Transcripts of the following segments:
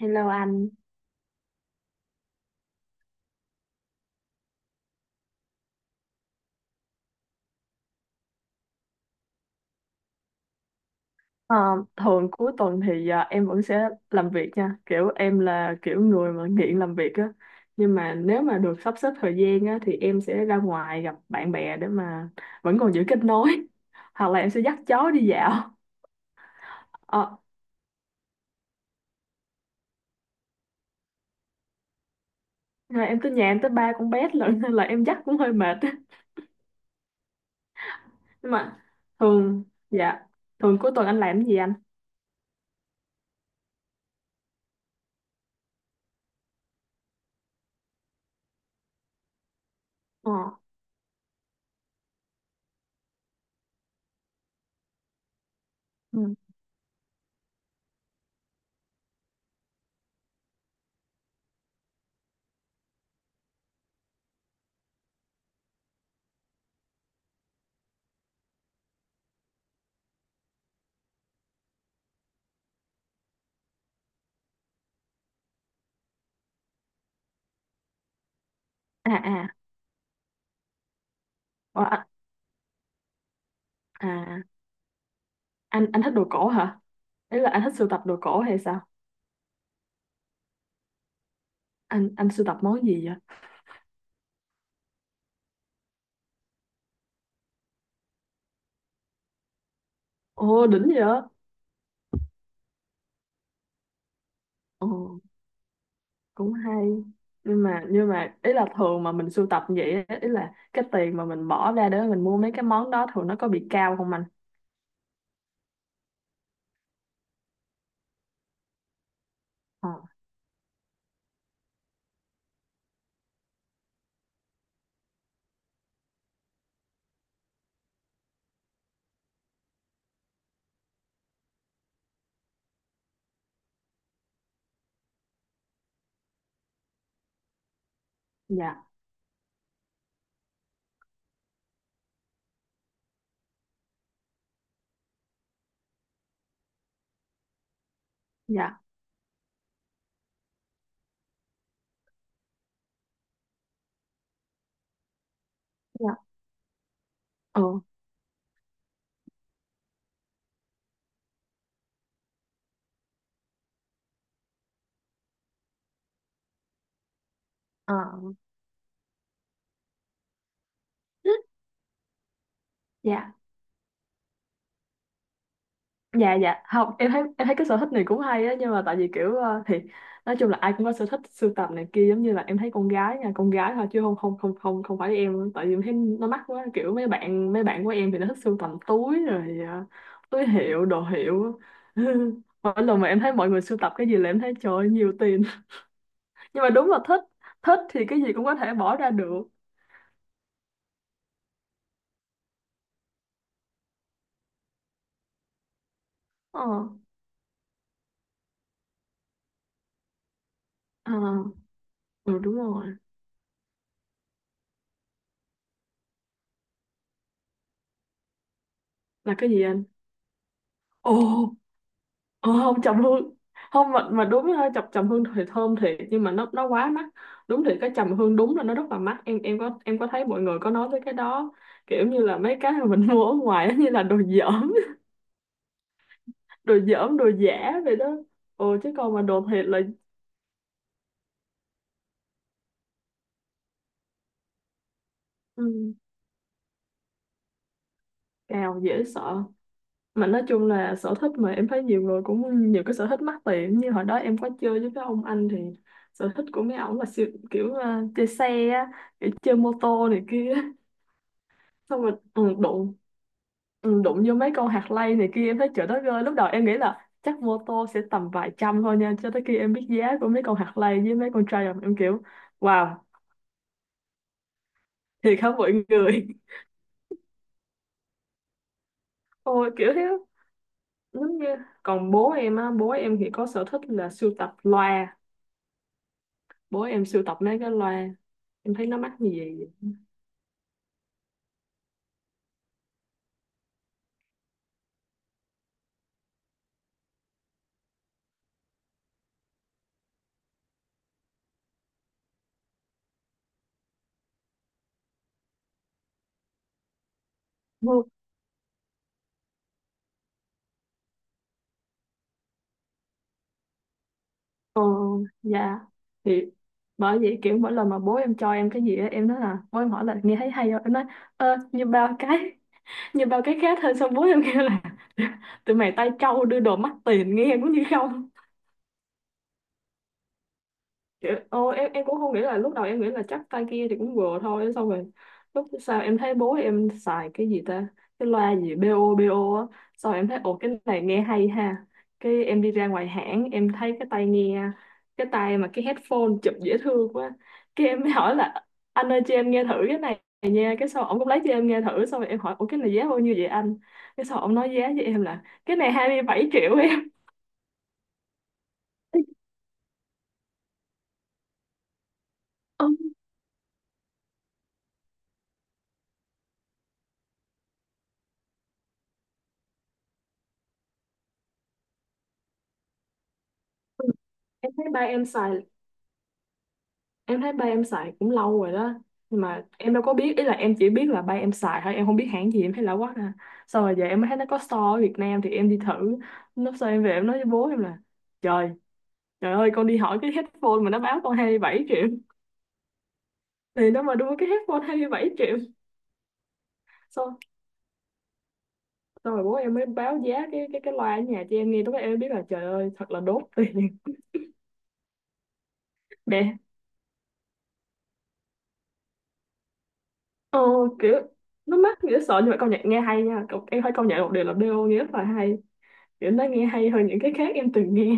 Hello anh. Ờ, thường cuối tuần thì em vẫn sẽ làm việc nha, kiểu em là kiểu người mà nghiện làm việc á, nhưng mà nếu mà được sắp xếp thời gian á thì em sẽ ra ngoài gặp bạn bè để mà vẫn còn giữ kết nối, hoặc là em sẽ dắt chó đi dạo. Ờ, rồi em tới nhà em tới ba con bé lận nên là em dắt cũng hơi mệt, á. Nhưng mà thường Dạ, thường cuối tuần anh làm cái gì anh? Ờ. Ừ. À, à. Ờ, à, à, anh thích đồ cổ hả? Ý là anh thích sưu tập đồ cổ hay sao? Anh sưu tập món gì vậy? Ồ, đỉnh vậy. Ồ, cũng hay. Nhưng mà ý là thường mà mình sưu tập như vậy á, ý là cái tiền mà mình bỏ ra để mình mua mấy cái món đó thường nó có bị cao không anh? Ờ. Dạ, dạ, dạ. Ừ. Ờ. Dạ, dạ, dạ, không, em thấy cái sở thích này cũng hay á, nhưng mà tại vì kiểu thì nói chung là ai cũng có sở thích sưu tầm này kia, giống như là em thấy con gái nha, con gái thôi chứ không không không không không phải em, tại vì em thấy nó mắc quá, kiểu mấy bạn của em thì nó thích sưu tầm túi rồi túi hiệu đồ hiệu á. Mỗi lần mà em thấy mọi người sưu tập cái gì là em thấy trời ơi, nhiều tiền. Nhưng mà đúng là thích, thích thì cái gì cũng có thể bỏ ra được. Ờ. À. Ừ, đúng rồi. Là cái gì anh? Ồ. Ờ, không, trầm hương. Không, mà mà đúng ha, chọc trầm hương thì thơm thiệt nhưng mà nó quá mắc. Đúng, thì cái trầm hương đúng là nó rất là mắc, em có thấy mọi người có nói tới cái đó, kiểu như là mấy cái mà mình mua ở ngoài á, như là đồ dởm. Đồ dởm, đồ giả vậy đó. Ồ, chứ còn mà đồ thiệt là... Ừ, cào dễ sợ. Mà nói chung là sở thích, mà em thấy nhiều người cũng nhiều cái sở thích mắc tiền, như hồi đó em có chơi với cái ông anh thì sở thích của mấy ổng là siêu, kiểu chơi xe á, kiểu chơi mô tô này kia, xong rồi đụng vô mấy con hạt lay này kia, em thấy trời đất ơi, lúc đầu em nghĩ là chắc mô tô sẽ tầm vài trăm thôi nha, cho tới khi em biết giá của mấy con hạt lay với mấy con Triumph em kiểu wow, thiệt hả mọi người. Ôi kiểu thế. Giống như, còn bố em á, bố em thì có sở thích là sưu tập loa, bố em sưu tập mấy cái loa, em thấy nó mắc như gì. Mua. Ờ. Dạ. Thì bởi vậy, kiểu mỗi lần mà bố em cho em cái gì á, em nói là bố em hỏi là nghe thấy hay không, em nói ơ như bao cái, nhưng bao cái khác hơn, xong bố em kêu là tụi mày tay trâu, đưa đồ mắc tiền nghe cũng như không. Kiểu, ô, em cũng không nghĩ, là lúc đầu em nghĩ là chắc tay kia thì cũng vừa thôi, xong rồi lúc sau em thấy bố em xài cái gì ta, cái loa gì BO BO á, sau em thấy ồ cái này nghe hay ha. Cái em đi ra ngoài hãng em thấy cái tai nghe, cái tai mà cái headphone chụp dễ thương quá, cái em mới hỏi là anh ơi cho em nghe thử cái này nha, cái sau ổng cũng lấy cho em nghe thử, xong rồi em hỏi ủa cái này giá bao nhiêu vậy anh, cái sau ổng nói giá với em là cái này 27 triệu em. Ôi, em thấy ba em xài em thấy ba em xài cũng lâu rồi đó. Nhưng mà em đâu có biết, ý là em chỉ biết là ba em xài thôi, em không biết hãng gì, em thấy lạ quá à. Sau rồi giờ em mới thấy nó có store ở Việt Nam thì em đi thử, lúc sau em về em nói với bố em là trời, trời ơi, con đi hỏi cái headphone mà nó báo con 27 triệu. Thì nó mà đưa cái headphone 27 triệu. Sau Sau rồi bố em mới báo giá cái loa ở nhà cho em nghe, lúc đó em mới biết là trời ơi thật là đốt tiền. Đẻ. Ờ, kiểu, nó mắc nghĩa sợ nhưng mà công nhận nghe hay nha. Cậu- em phải công nhận một điều là BO nghe rất là hay, kiểu nó nghe hay hơn những cái khác em từng nghe.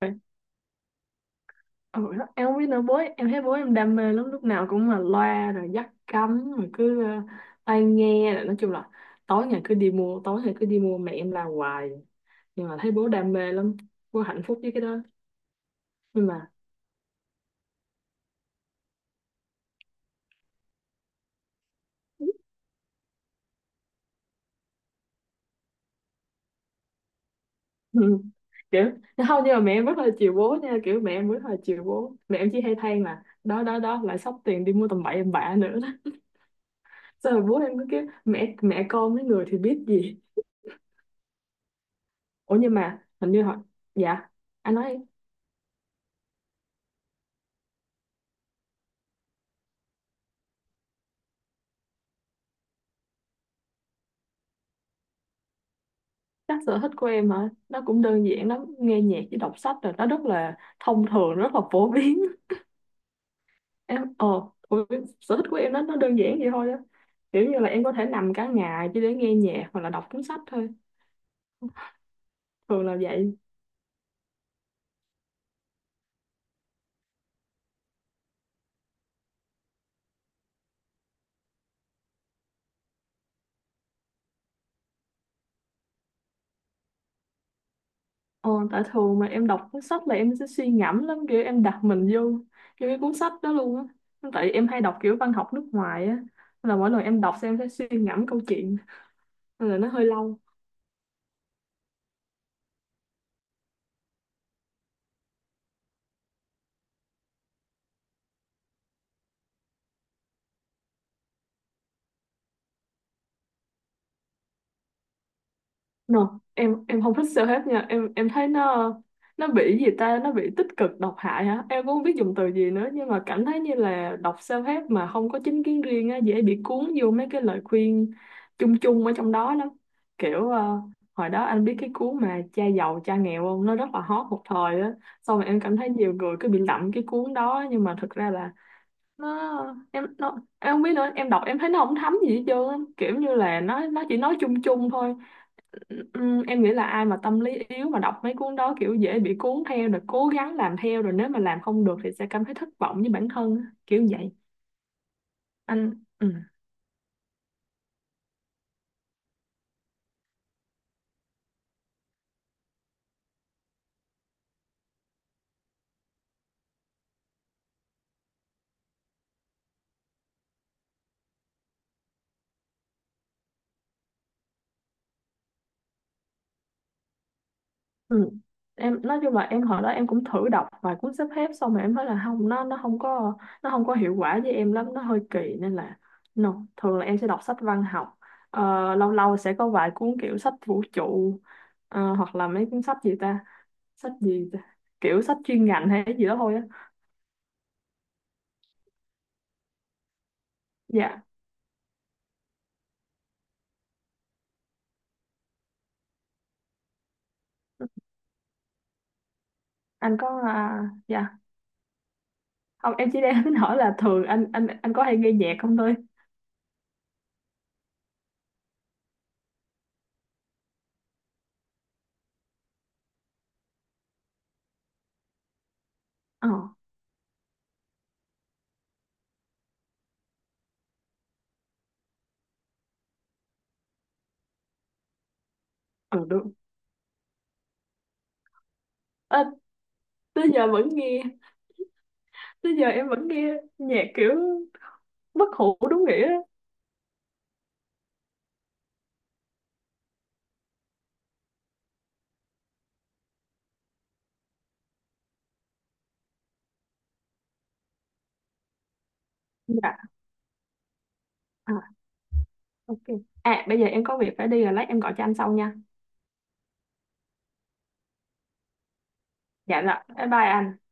Rồi, ừ, đó, em không biết nữa, bố em thấy bố em đam mê lắm, lúc nào cũng là loa rồi dắt cắm rồi cứ tai nghe rồi nói chung là tối ngày cứ đi mua, tối ngày cứ đi mua, mẹ em làm hoài nhưng mà thấy bố đam mê lắm, bố hạnh phúc với cái đó. Nhưng mà... Ừ, kiểu, không, nhưng mà mẹ em rất là chiều bố nha, kiểu mẹ em rất là chiều bố, mẹ em chỉ hay than là đó đó đó lại xóc tiền đi mua tầm bậy tầm bạ nữa đó. Xong rồi bố em cứ kiểu mẹ mẹ con mấy người thì biết gì. Ủa nhưng mà hình như họ... Dạ. Anh nói. Chắc sở thích của em hả, nó cũng đơn giản lắm, nghe nhạc với đọc sách rồi, nó rất là thông thường, rất là phổ biến. Em ủa, sở thích của em nó đơn giản vậy thôi á, kiểu như là em có thể nằm cả ngày chỉ để nghe nhạc hoặc là đọc cuốn sách thôi, thường là vậy. Ờ, tại thường mà em đọc cuốn sách là em sẽ suy ngẫm lắm, kiểu em đặt mình vô vô cái cuốn sách đó luôn á, tại em hay đọc kiểu văn học nước ngoài á, nên là mỗi lần em đọc xem em sẽ suy ngẫm câu chuyện, nên là nó hơi lâu. No, em không thích self-help nha, em thấy nó bị gì ta, nó bị tích cực độc hại hả, em cũng không biết dùng từ gì nữa, nhưng mà cảm thấy như là đọc self-help mà không có chính kiến riêng á, dễ bị cuốn vô mấy cái lời khuyên chung chung ở trong đó lắm. Kiểu hồi đó anh biết cái cuốn mà cha giàu cha nghèo không, nó rất là hot một thời á, xong rồi em cảm thấy nhiều người cứ bị lậm cái cuốn đó, nhưng mà thực ra là nó em không biết nữa, em đọc em thấy nó không thấm gì hết trơn á. Kiểu như là nó chỉ nói chung chung thôi. Em nghĩ là ai mà tâm lý yếu mà đọc mấy cuốn đó kiểu dễ bị cuốn theo, rồi cố gắng làm theo, rồi nếu mà làm không được thì sẽ cảm thấy thất vọng với bản thân á, kiểu vậy. Anh. Ừ, ừ. Em nói chung là em hồi đó em cũng thử đọc vài cuốn sắp xếp, xong rồi em thấy là không, nó không có, nó không có hiệu quả với em lắm, nó hơi kỳ nên là no. Thường là em sẽ đọc sách văn học. Ờ, lâu lâu sẽ có vài cuốn kiểu sách vũ trụ, hoặc là mấy cuốn sách gì ta, sách gì ta? Kiểu sách chuyên ngành hay cái gì đó thôi á. Dạ. Anh có à? Dạ, không, em chỉ đang tính hỏi là thường anh có hay nghe nhạc không thôi. Ờ. Ừ, đúng. Ờ, tới giờ vẫn nghe. Tới giờ em vẫn nghe nhạc kiểu bất hủ đúng nghĩa á. Dạ. À, ok. À, bây giờ em có việc phải đi rồi, lát em gọi cho anh sau nha. Dạ, là bye bye anh.